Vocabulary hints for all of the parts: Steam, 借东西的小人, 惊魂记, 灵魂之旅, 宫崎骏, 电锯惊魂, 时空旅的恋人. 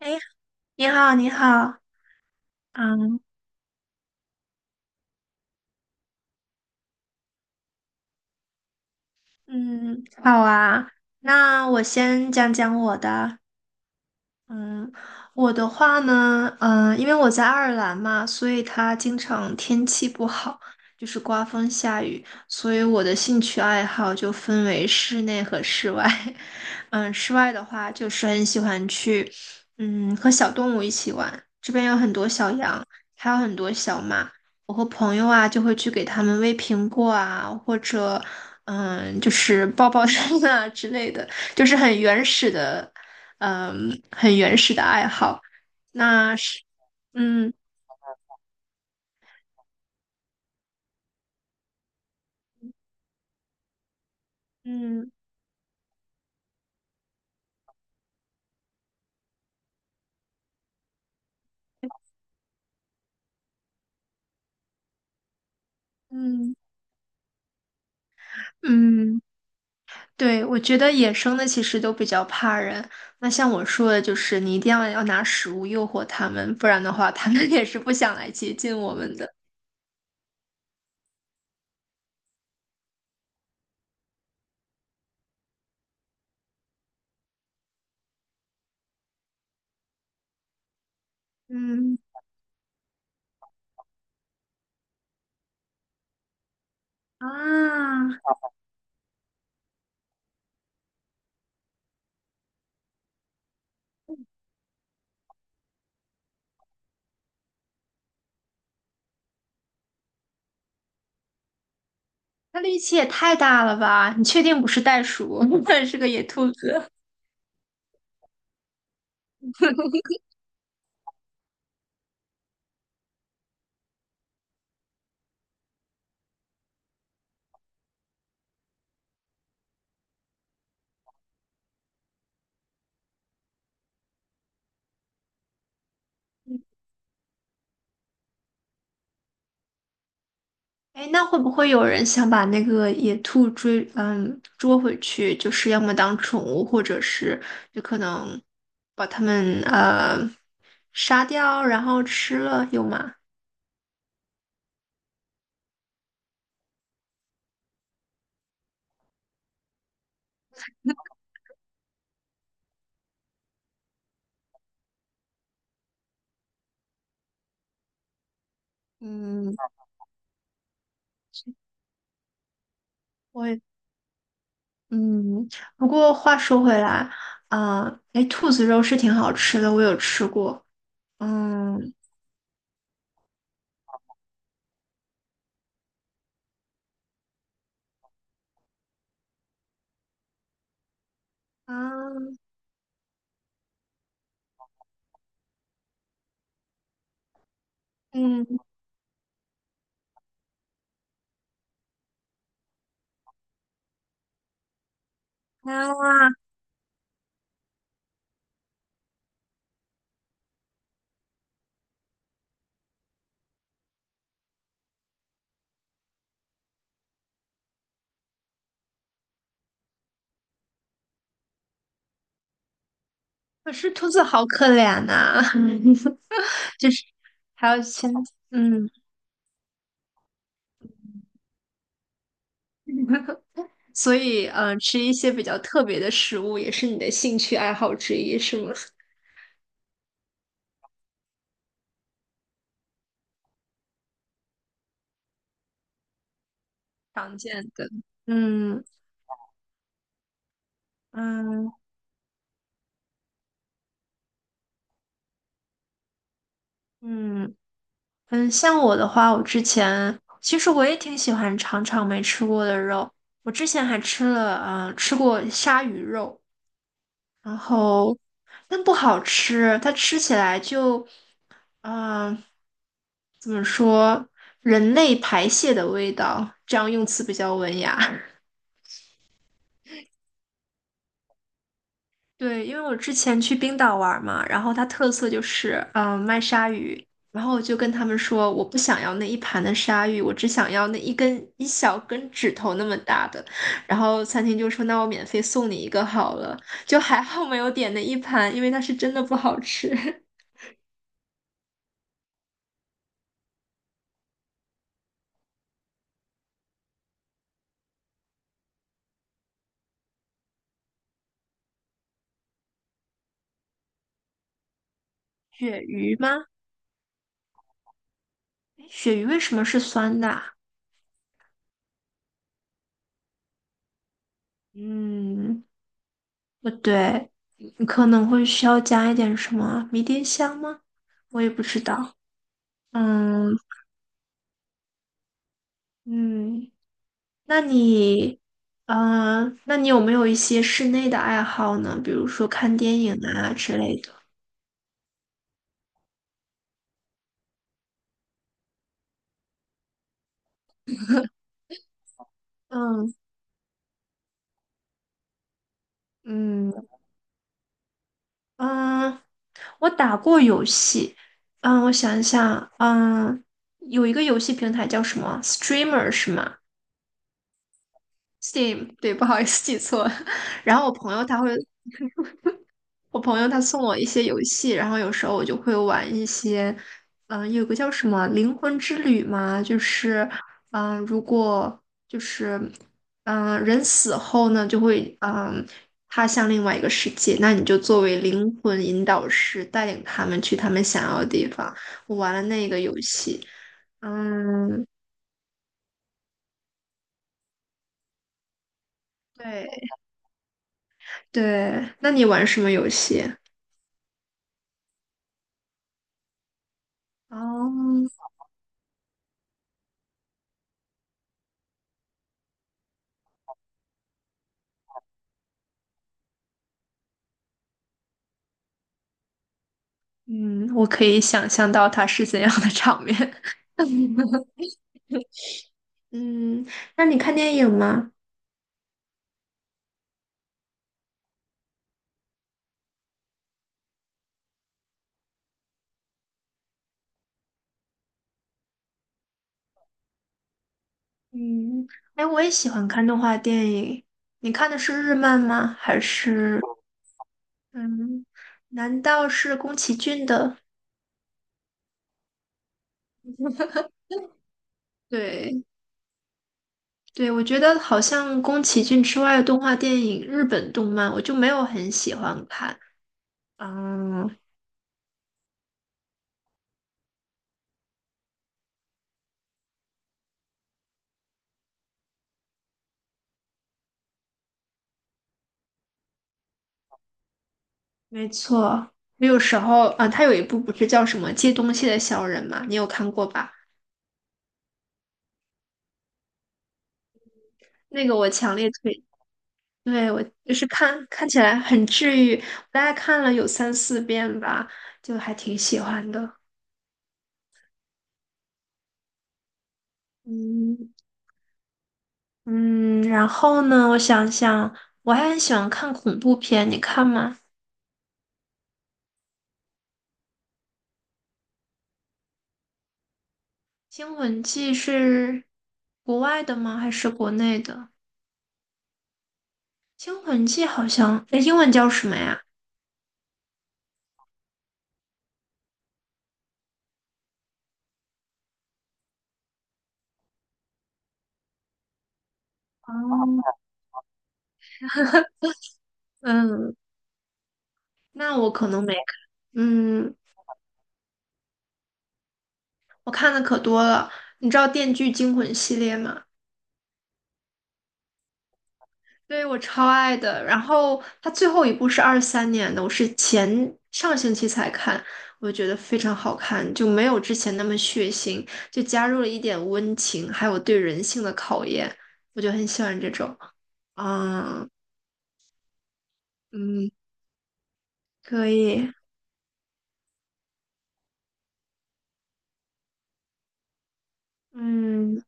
哎，你好，你好。嗯嗯，好啊。那我先讲讲我的。嗯，我的话呢，因为我在爱尔兰嘛，所以它经常天气不好，就是刮风下雨，所以我的兴趣爱好就分为室内和室外。室外的话，就是很喜欢去，和小动物一起玩。这边有很多小羊，还有很多小马。我和朋友啊，就会去给它们喂苹果啊，或者，就是抱抱它们啊之类的。就是很原始的，很原始的爱好。那是嗯嗯嗯嗯，对，我觉得野生的其实都比较怕人。那像我说的，就是你一定要拿食物诱惑它们，不然的话，它们也是不想来接近我们的。嗯啊，那力气也太大了吧？你确定不是袋鼠，是个野兔子？哎，那会不会有人想把那个野兔追，捉回去？就是要么当宠物，或者是就可能把它们杀掉，然后吃了，有吗？嗯，我也嗯，不过话说回来，啊、哎，兔子肉是挺好吃的，我有吃过。嗯啊。嗯啊，可是兔子好可怜呐。就是还有现，嗯。所以，吃一些比较特别的食物也是你的兴趣爱好之一，是吗？常见的。嗯嗯嗯嗯，像我的话，我之前其实我也挺喜欢尝尝没吃过的肉。我之前还吃过鲨鱼肉，然后但不好吃，它吃起来就，嗯、怎么说，人类排泄的味道，这样用词比较文雅。对，因为我之前去冰岛玩儿嘛，然后它特色就是，卖鲨鱼。然后我就跟他们说，我不想要那一盘的鲨鱼，我只想要那一小根指头那么大的。然后餐厅就说，那我免费送你一个好了。就还好没有点那一盘，因为它是真的不好吃。鳕鱼吗？诶，鳕鱼为什么是酸的啊？嗯，不对，你可能会需要加一点什么迷迭香吗？我也不知道。嗯嗯。那你，那你有没有一些室内的爱好呢？比如说看电影啊之类的。嗯嗯嗯，我打过游戏。我想一想，有一个游戏平台叫什么？Streamer 是吗？Steam，对，不好意思记错了。然后我朋友他送我一些游戏，然后有时候我就会玩一些，有个叫什么《灵魂之旅》嘛，就是，如果就是，人死后呢，就会，他向另外一个世界，那你就作为灵魂引导师，带领他们去他们想要的地方。我玩了那个游戏。嗯，对对，那你玩什么游戏？哦。嗯，我可以想象到它是怎样的场面。嗯，那你看电影吗？嗯，哎，我也喜欢看动画电影。你看的是日漫吗？还是嗯，难道是宫崎骏的？对，对，我觉得好像宫崎骏之外的动画电影，日本动漫我就没有很喜欢看。嗯，没错，我有时候啊，他有一部不是叫什么《借东西的小人》吗？你有看过吧？那个我强烈推对，我就是看起来很治愈，我大概看了有三四遍吧，就还挺喜欢的。嗯嗯，然后呢，我想想，我还很喜欢看恐怖片，你看吗？《惊魂记》是国外的吗？还是国内的？《惊魂记》好像，哎，英文叫什么呀？哦，嗯，那我可能没，嗯，我看的可多了。你知道《电锯惊魂》系列吗？对，我超爱的。然后它最后一部是2023年的，我是前上星期才看，我觉得非常好看，就没有之前那么血腥，就加入了一点温情，还有对人性的考验，我就很喜欢这种。嗯嗯，可以。嗯，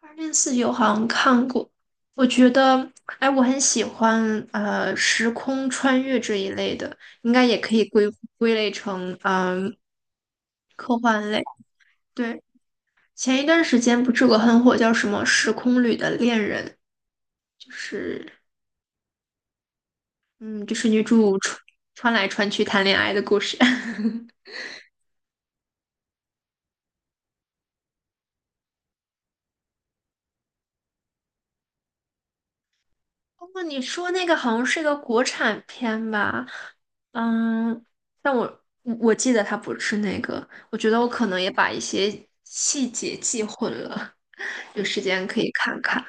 2049好像看过，我觉得，哎，我很喜欢时空穿越这一类的，应该也可以归类成科幻类。对。前一段时间不是有个很火叫什么《时空旅的恋人》，就是，女主穿来穿去谈恋爱的故事。不过你说那个好像是个国产片吧？嗯，但我记得它不是那个，我觉得我可能也把一些细节记混了，有时间可以看看。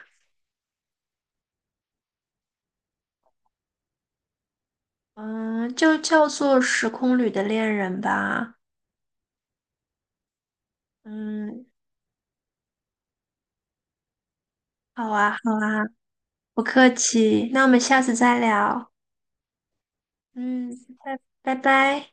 嗯，就叫做《时空旅的恋人》吧。嗯，好啊，好啊，不客气，那我们下次再聊。嗯，拜拜拜。